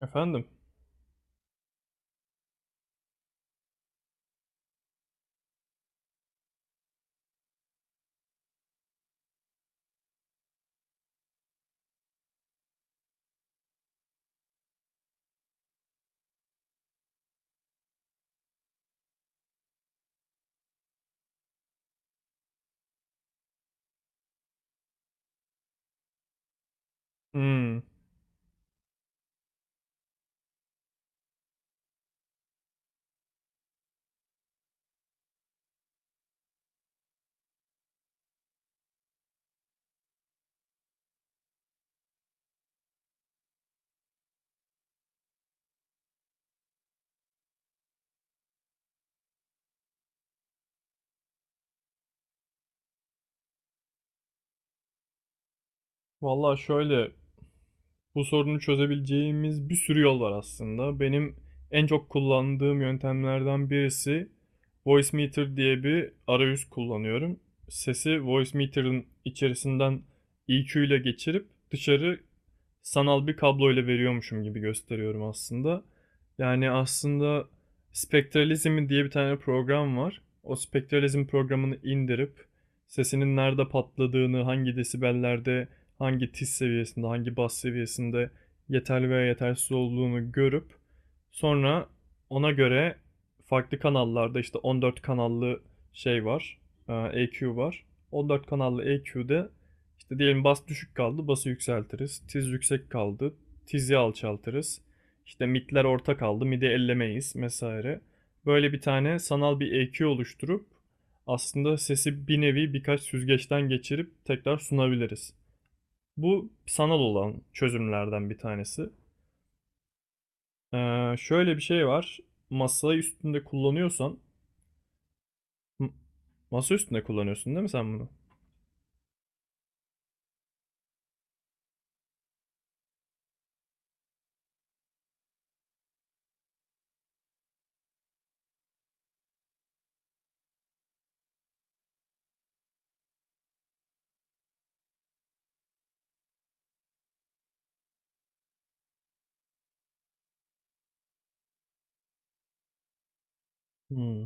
Efendim? Hmm. Valla şöyle. Bu sorunu çözebileceğimiz bir sürü yol var aslında. Benim en çok kullandığım yöntemlerden birisi Voice Meter diye bir arayüz kullanıyorum. Sesi Voice Meter'ın içerisinden EQ ile geçirip dışarı sanal bir kablo ile veriyormuşum gibi gösteriyorum aslında. Yani aslında Spectralism diye bir tane program var. O Spectralism programını indirip sesinin nerede patladığını, hangi desibellerde hangi tiz seviyesinde, hangi bas seviyesinde yeterli veya yetersiz olduğunu görüp sonra ona göre farklı kanallarda işte 14 kanallı şey var, EQ var. 14 kanallı EQ'de işte diyelim bas düşük kaldı, bası yükseltiriz. Tiz yüksek kaldı, tizi alçaltırız. İşte midler orta kaldı, midi ellemeyiz vesaire. Böyle bir tane sanal bir EQ oluşturup aslında sesi bir nevi birkaç süzgeçten geçirip tekrar sunabiliriz. Bu sanal olan çözümlerden bir tanesi. Şöyle bir şey var. Masayı üstünde kullanıyorsan masa üstünde kullanıyorsun değil mi sen bunu? Hmm.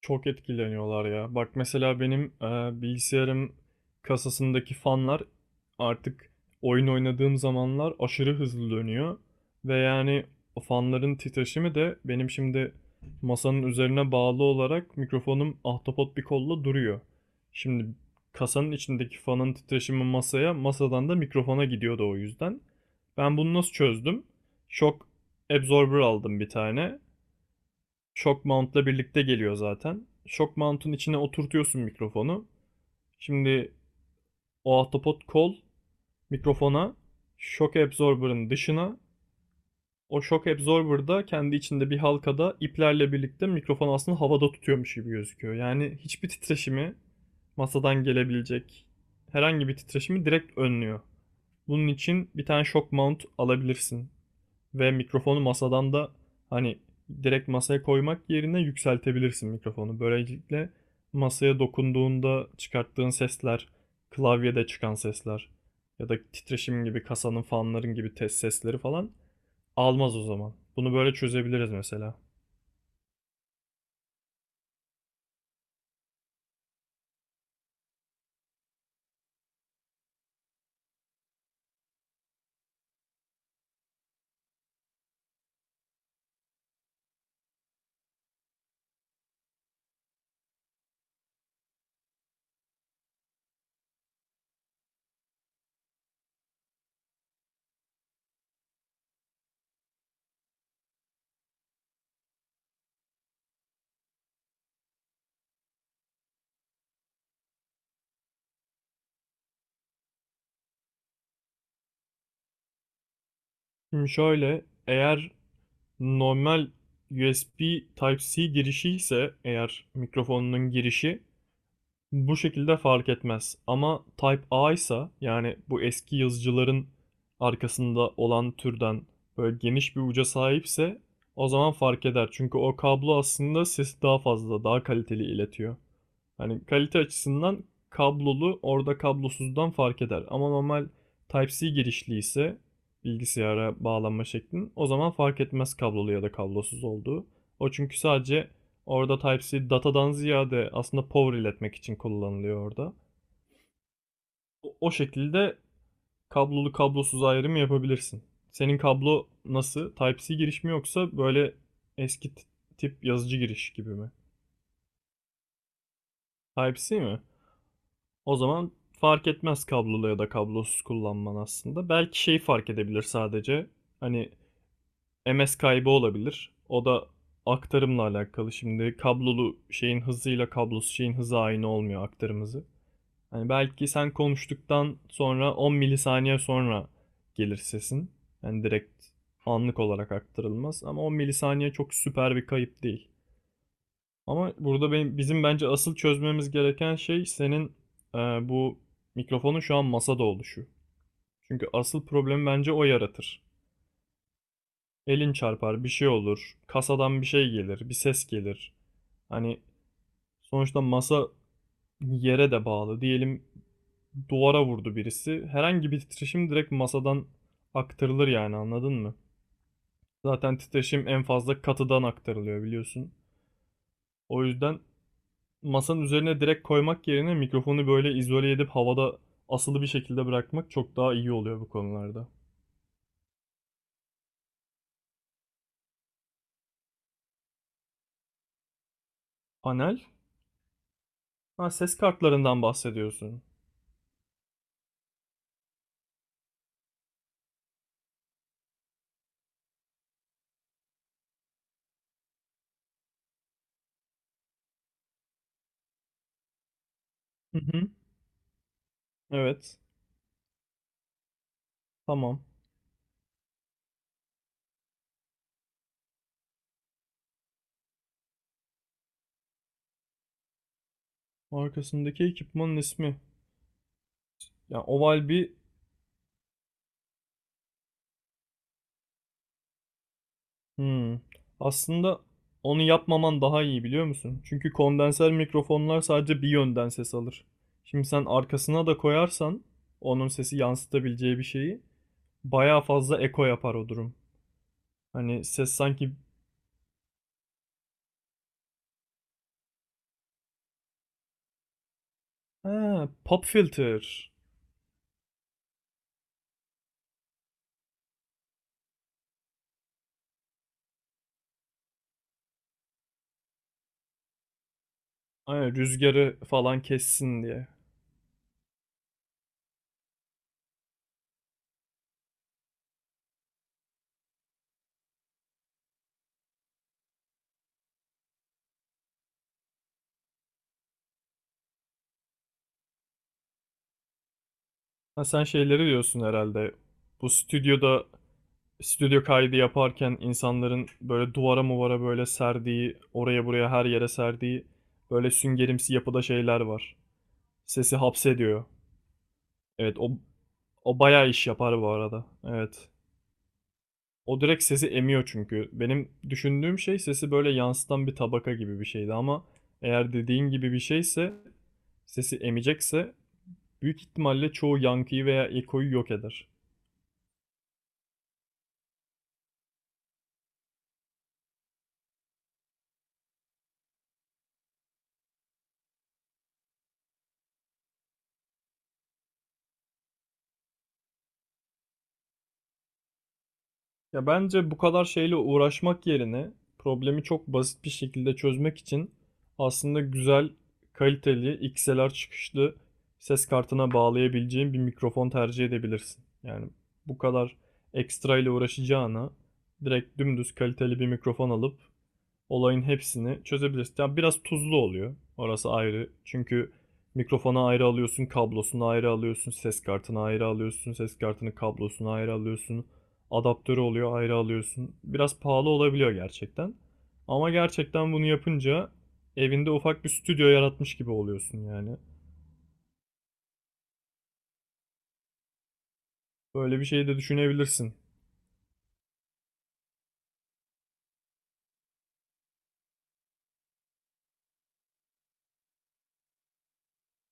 Çok etkileniyorlar ya. Bak mesela benim bilgisayarım kasasındaki fanlar artık oyun oynadığım zamanlar aşırı hızlı dönüyor. Ve yani o fanların titreşimi de benim şimdi masanın üzerine bağlı olarak mikrofonum ahtapot bir kolla duruyor. Şimdi kasanın içindeki fanın titreşimi masaya, masadan da mikrofona gidiyordu o yüzden. Ben bunu nasıl çözdüm? Shock absorber aldım bir tane. Shock mount'la birlikte geliyor zaten. Shock mount'un içine oturtuyorsun mikrofonu. Şimdi o ahtapot kol mikrofona, shock absorber'ın dışına. O shock absorber da kendi içinde bir halkada iplerle birlikte mikrofon aslında havada tutuyormuş gibi gözüküyor. Yani hiçbir titreşimi masadan gelebilecek herhangi bir titreşimi direkt önlüyor. Bunun için bir tane shock mount alabilirsin. Ve mikrofonu masadan da hani direkt masaya koymak yerine yükseltebilirsin mikrofonu. Böylelikle masaya dokunduğunda çıkarttığın sesler, klavyede çıkan sesler ya da titreşim gibi kasanın fanların gibi test sesleri falan almaz o zaman. Bunu böyle çözebiliriz mesela. Şimdi şöyle, eğer normal USB Type-C girişi ise eğer mikrofonunun girişi, bu şekilde fark etmez. Ama Type A ise, yani bu eski yazıcıların arkasında olan türden böyle geniş bir uca sahipse, o zaman fark eder. Çünkü o kablo aslında sesi daha fazla, daha kaliteli iletiyor. Hani kalite açısından kablolu orada kablosuzdan fark eder. Ama normal Type-C girişli ise bilgisayara bağlanma şeklin, o zaman fark etmez kablolu ya da kablosuz olduğu. O çünkü sadece orada Type-C datadan ziyade aslında power iletmek için kullanılıyor orada. O şekilde kablolu kablosuz ayrımı yapabilirsin. Senin kablo nasıl? Type-C giriş mi yoksa böyle eski tip yazıcı giriş gibi mi? Type-C mi? O zaman fark etmez kablolu ya da kablosuz kullanman aslında. Belki şeyi fark edebilir sadece. Hani MS kaybı olabilir. O da aktarımla alakalı. Şimdi kablolu şeyin hızıyla kablosuz şeyin hızı aynı olmuyor, aktarım hızı. Hani belki sen konuştuktan sonra 10 milisaniye sonra gelir sesin. Yani direkt anlık olarak aktarılmaz ama 10 milisaniye çok süper bir kayıp değil. Ama burada benim, bizim bence asıl çözmemiz gereken şey senin bu mikrofonun şu an masada oluşu. Çünkü asıl problemi bence o yaratır. Elin çarpar, bir şey olur, kasadan bir şey gelir, bir ses gelir. Hani sonuçta masa yere de bağlı. Diyelim duvara vurdu birisi. Herhangi bir titreşim direkt masadan aktarılır yani, anladın mı? Zaten titreşim en fazla katıdan aktarılıyor biliyorsun. O yüzden masanın üzerine direkt koymak yerine mikrofonu böyle izole edip havada asılı bir şekilde bırakmak çok daha iyi oluyor bu konularda. Panel? Ha, ses kartlarından bahsediyorsun. Hı hı. Evet. Tamam. Arkasındaki ekipmanın ismi. Ya oval bir... Hmm. Aslında onu yapmaman daha iyi, biliyor musun? Çünkü kondenser mikrofonlar sadece bir yönden ses alır. Şimdi sen arkasına da koyarsan onun sesi yansıtabileceği bir şeyi, bayağı fazla eko yapar o durum. Hani ses sanki... Ha, pop filter. Aynen, rüzgarı falan kessin diye. Ha, sen şeyleri diyorsun herhalde. Bu stüdyoda stüdyo kaydı yaparken insanların böyle duvara muvara böyle serdiği, oraya buraya her yere serdiği böyle süngerimsi yapıda şeyler var. Sesi hapsediyor. Evet, o bayağı iş yapar bu arada. Evet. O direkt sesi emiyor çünkü. Benim düşündüğüm şey sesi böyle yansıtan bir tabaka gibi bir şeydi ama eğer dediğin gibi bir şeyse, sesi emecekse, büyük ihtimalle çoğu yankıyı veya ekoyu yok eder. Ya bence bu kadar şeyle uğraşmak yerine problemi çok basit bir şekilde çözmek için aslında güzel, kaliteli, XLR çıkışlı ses kartına bağlayabileceğin bir mikrofon tercih edebilirsin. Yani bu kadar ekstra ile uğraşacağına direkt dümdüz kaliteli bir mikrofon alıp olayın hepsini çözebilirsin. Yani biraz tuzlu oluyor. Orası ayrı. Çünkü mikrofonu ayrı alıyorsun, kablosunu ayrı alıyorsun, ses kartını ayrı alıyorsun, ses kartının kablosunu ayrı alıyorsun. Adaptörü oluyor, ayrı alıyorsun. Biraz pahalı olabiliyor gerçekten. Ama gerçekten bunu yapınca evinde ufak bir stüdyo yaratmış gibi oluyorsun yani. Böyle bir şey de düşünebilirsin.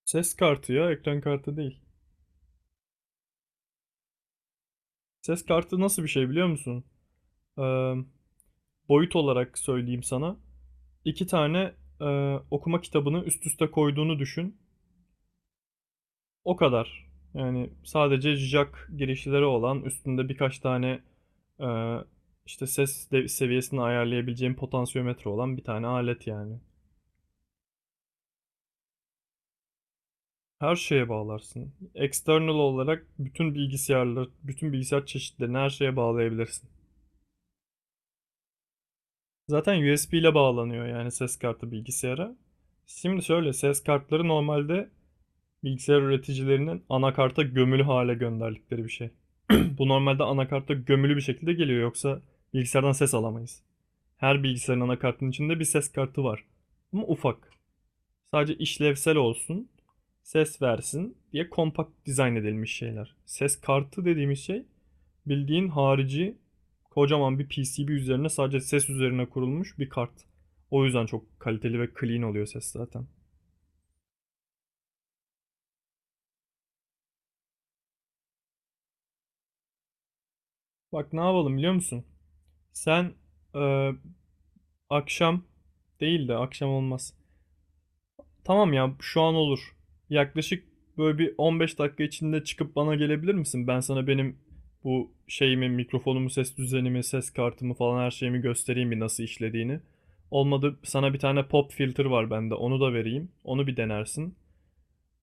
Ses kartı ya, ekran kartı değil. Ses kartı nasıl bir şey biliyor musun? Ee, boyut olarak söyleyeyim sana. 2 tane, okuma kitabını üst üste koyduğunu düşün. O kadar. Yani sadece jack girişleri olan, üstünde birkaç tane, eee, işte ses de seviyesini ayarlayabileceğin potansiyometre olan bir tane alet yani. Her şeye bağlarsın. External olarak bütün bilgisayarları, bütün bilgisayar çeşitlerini her şeye bağlayabilirsin. Zaten USB ile bağlanıyor yani ses kartı bilgisayara. Şimdi şöyle, ses kartları normalde bilgisayar üreticilerinin anakarta gömülü hale gönderdikleri bir şey. Bu normalde anakarta gömülü bir şekilde geliyor, yoksa bilgisayardan ses alamayız. Her bilgisayarın anakartının içinde bir ses kartı var. Ama ufak. Sadece işlevsel olsun, ses versin diye kompakt dizayn edilmiş şeyler. Ses kartı dediğimiz şey bildiğin harici kocaman bir PCB üzerine sadece ses üzerine kurulmuş bir kart. O yüzden çok kaliteli ve clean oluyor ses zaten. Bak ne yapalım biliyor musun? Sen e, akşam değil de, akşam olmaz. Tamam ya, şu an olur. Yaklaşık böyle bir 15 dakika içinde çıkıp bana gelebilir misin? Ben sana benim bu şeyimi, mikrofonumu, ses düzenimi, ses kartımı falan her şeyimi göstereyim bir, nasıl işlediğini. Olmadı, sana bir tane pop filter var bende, onu da vereyim. Onu bir denersin.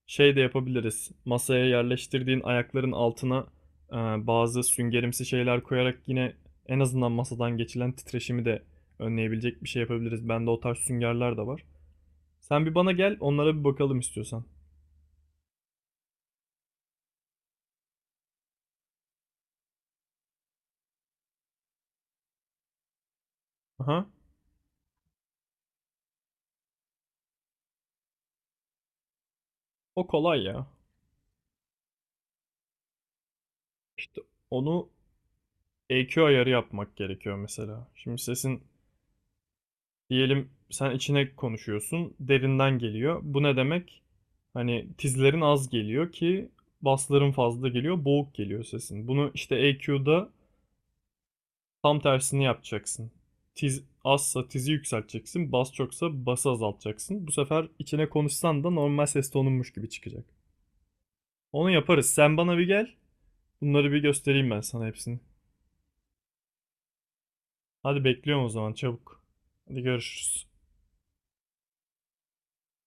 Şey de yapabiliriz. Masaya yerleştirdiğin ayakların altına e, bazı süngerimsi şeyler koyarak yine en azından masadan geçilen titreşimi de önleyebilecek bir şey yapabiliriz. Bende o tarz süngerler de var. Sen bir bana gel, onlara bir bakalım istiyorsan. Aha. O kolay ya. İşte onu EQ ayarı yapmak gerekiyor mesela. Şimdi sesin Diyelim sen içine konuşuyorsun, derinden geliyor. Bu ne demek? Hani tizlerin az geliyor ki basların fazla geliyor, boğuk geliyor sesin. Bunu işte EQ'da tam tersini yapacaksın. Tiz azsa tizi yükselteceksin, bas çoksa bası azaltacaksın. Bu sefer içine konuşsan da normal ses tonunmuş gibi çıkacak. Onu yaparız. Sen bana bir gel. Bunları bir göstereyim ben sana hepsini. Hadi bekliyorum o zaman, çabuk. Hadi görüşürüz.